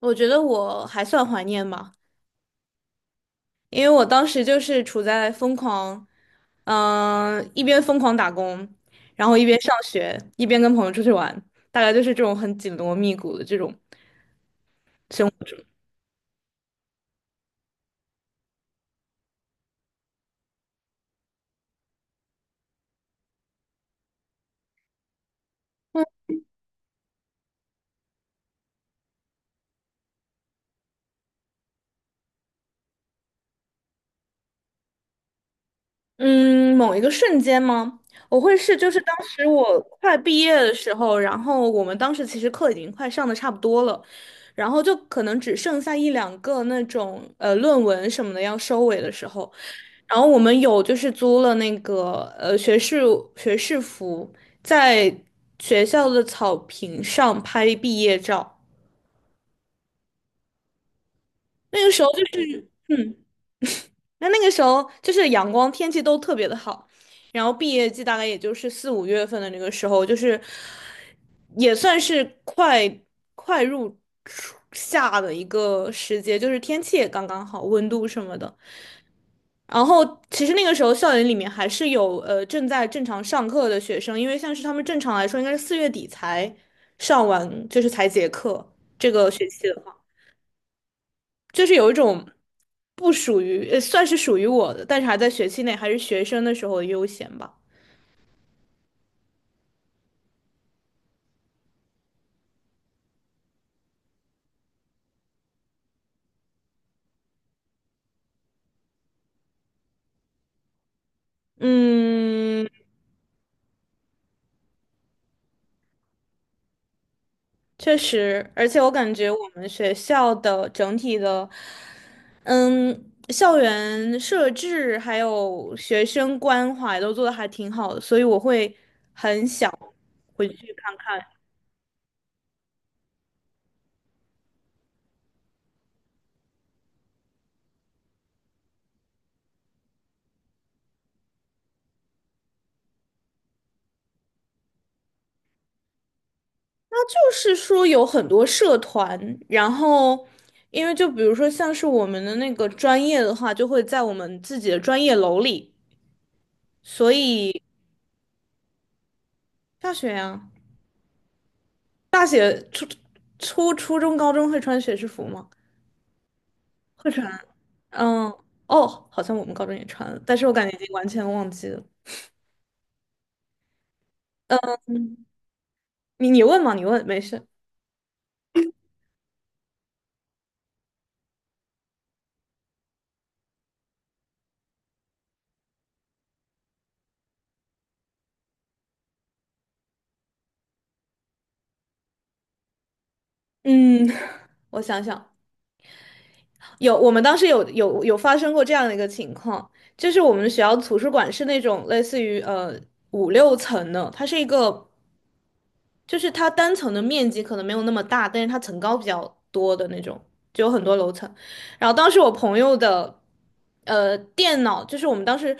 我觉得我还算怀念吧，因为我当时就是处在疯狂，一边疯狂打工，然后一边上学，一边跟朋友出去玩，大概就是这种很紧锣密鼓的这种。嗯，某一个瞬间吗？我会是就是当时我快毕业的时候，然后我们当时其实课已经快上的差不多了，然后就可能只剩下一两个那种论文什么的要收尾的时候，然后我们有就是租了那个学士服，在学校的草坪上拍毕业照。那个时候就是那那个时候就是阳光天气都特别的好，然后毕业季大概也就是四五月份的那个时候，就是也算是快入初夏的一个时节，就是天气也刚刚好，温度什么的。然后其实那个时候校园里面还是有正在正常上课的学生，因为像是他们正常来说应该是四月底才上完，就是才结课。这个学期的话，就是有一种不属于，呃，算是属于我的，但是还在学期内还是学生的时候的悠闲吧。嗯，确实，而且我感觉我们学校的整体的，校园设置还有学生关怀都做的还挺好的，所以我会很想回去看。那就是说有很多社团，然后因为就比如说像是我们的那个专业的话，就会在我们自己的专业楼里，所以大学呀，初中、高中会穿学士服吗？会穿啊。嗯，哦，好像我们高中也穿了，但是我感觉已经完全忘记了。嗯，你问嘛，你问，没事。嗯，我想想，有，我们当时有发生过这样的一个情况，就是我们学校图书馆是那种类似于五六层的，它是一个就是它单层的面积可能没有那么大，但是它层高比较多的那种，就有很多楼层。然后当时我朋友的电脑，就是我们当时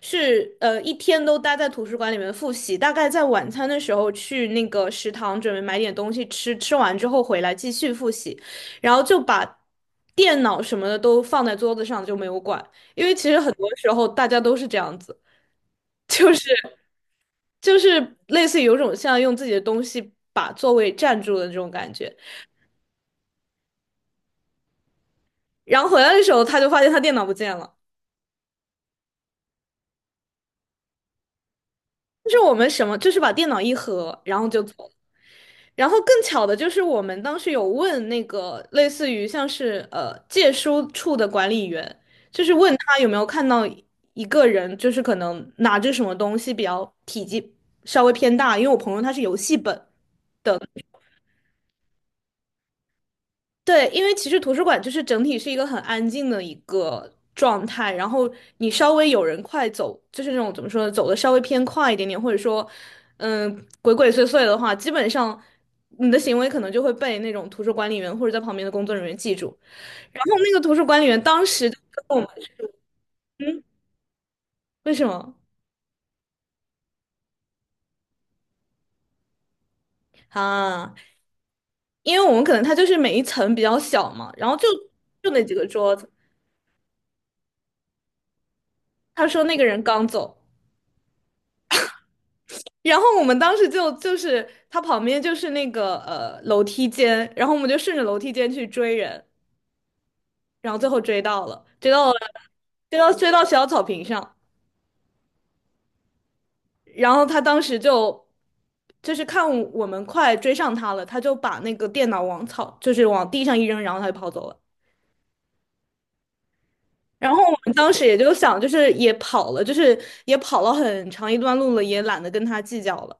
是一天都待在图书馆里面复习，大概在晚餐的时候去那个食堂准备买点东西吃，吃完之后回来继续复习，然后就把电脑什么的都放在桌子上就没有管，因为其实很多时候大家都是这样子。就是。就是类似于有种像用自己的东西把座位占住的这种感觉。然后回来的时候，他就发现他电脑不见了。就是我们什么，就是把电脑一合，然后就走。然后更巧的就是，我们当时有问那个类似于像是借书处的管理员，就是问他有没有看到一个人，就是可能拿着什么东西比较体积稍微偏大，因为我朋友他是游戏本。的。对，因为其实图书馆就是整体是一个很安静的一个状态，然后你稍微有人快走，就是那种怎么说呢，走的稍微偏快一点点，或者说，鬼鬼祟祟的话，基本上你的行为可能就会被那种图书管理员或者在旁边的工作人员记住。然后那个图书管理员当时就跟我们，嗯，为什么啊？因为我们可能他就是每一层比较小嘛，然后就那几个桌子，他说那个人刚走。然后我们当时就是他旁边就是那个楼梯间，然后我们就顺着楼梯间去追人，然后最后追到了，追到了，追到学校草坪上，然后他当时就是看我们快追上他了，他就把那个电脑往草就是往地上一扔，然后他就跑走了。然后我们当时也就想，就是也跑了很长一段路了，也懒得跟他计较了。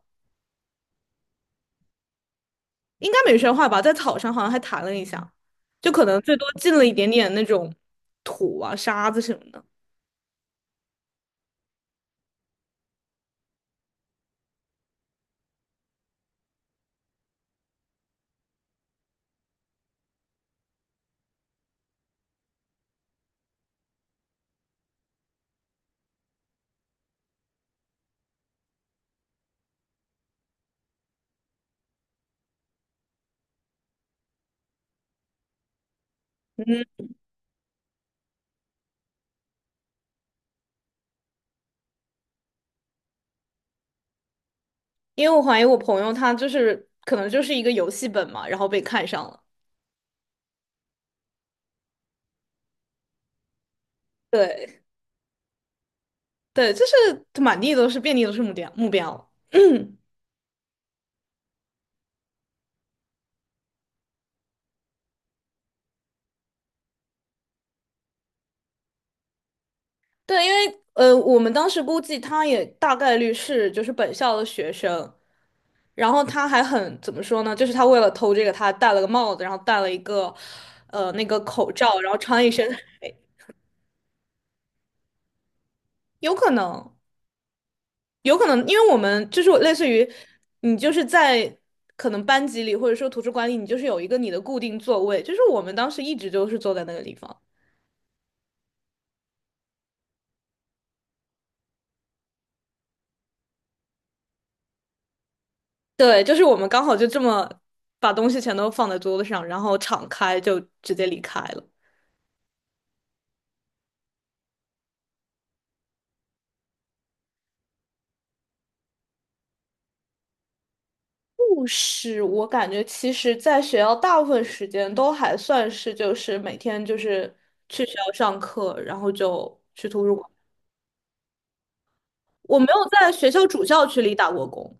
应该没摔坏吧，在草上好像还弹了一下，就可能最多进了一点点那种土啊、沙子什么的。嗯，因为我怀疑我朋友他就是可能就是一个游戏本嘛，然后被看上了。对对，就是满地都是，遍地都是目标目标。对，因为我们当时估计他也大概率是就是本校的学生，然后他还很怎么说呢？就是他为了偷这个，他戴了个帽子，然后戴了一个那个口罩，然后穿一身，有可能。有可能，因为我们就是类似于你就是在可能班级里或者说图书馆里，你就是有一个你的固定座位，就是我们当时一直就是坐在那个地方。对，就是我们刚好就这么把东西全都放在桌子上，然后敞开就直接离开了。故事我感觉其实在学校大部分时间都还算是就是每天就是去学校上课，然后就去图书馆。我没有在学校主校区里打过工。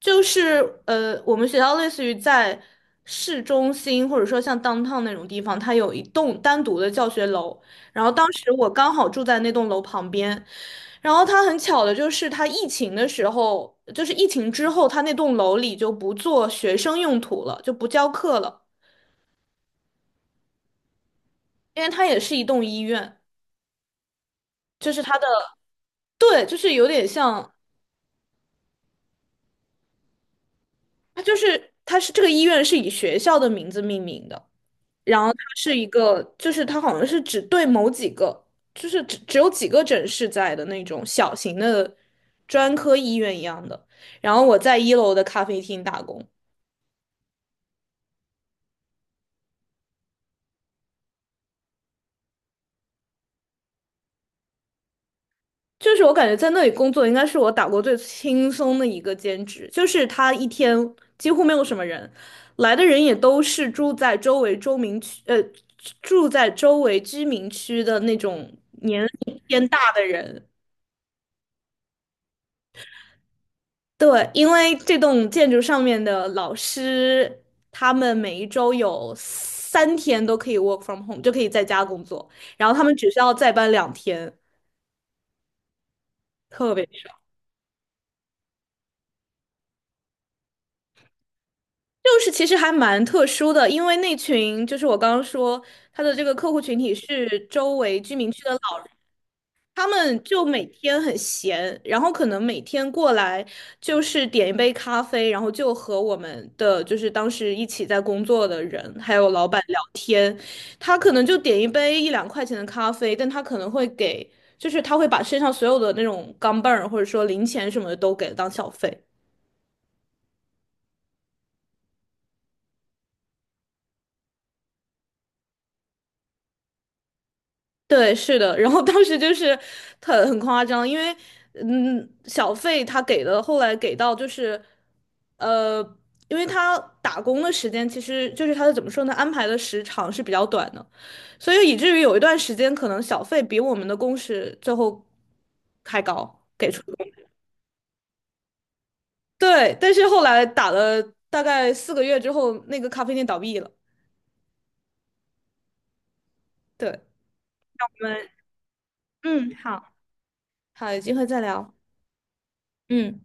就是我们学校类似于在市中心，或者说像 downtown 那种地方，它有一栋单独的教学楼。然后当时我刚好住在那栋楼旁边，然后它很巧的就是，它疫情的时候，就是疫情之后，它那栋楼里就不做学生用途了，就不教课了，因为它也是一栋医院，就是对，就是有点像，它是这个医院是以学校的名字命名的。然后它是一个，就是它好像是只对某几个，就是只有几个诊室在的那种小型的专科医院一样的。然后我在一楼的咖啡厅打工，就是我感觉在那里工作应该是我打过最轻松的一个兼职，就是他一天几乎没有什么人，来的人也都是住在周围居民区的那种。对，因为这栋建筑上面的老师，他们每一周有3天都可以 work from home,就可以在家工作，然后他们只需要再搬2天，特别就是其实还蛮特殊的，因为那群就是我刚刚说他的这个客户群体是周围居民区的老，他们就每天很闲，然后可能每天过来就是点一杯咖啡，然后就和我们的就是当时一起在工作的人还有老板。他可能就点一杯一两块钱的咖啡，但他可能会给，就是他会把身上所有的那种钢镚儿或者说零钱什么的都给当小费。对，是的。然后当时就是很夸张，因为小费他给的，后来给到就是呃，因为他打工的时间其实就是他的怎么说呢，安排的时长是比较短的，所以以至于有一段时间可能小费比我们的工时最后还高。给出。对，但是后来打了大概4个月之后，那个咖啡店倒闭了。对，我们嗯，好，好，有机会再聊。嗯。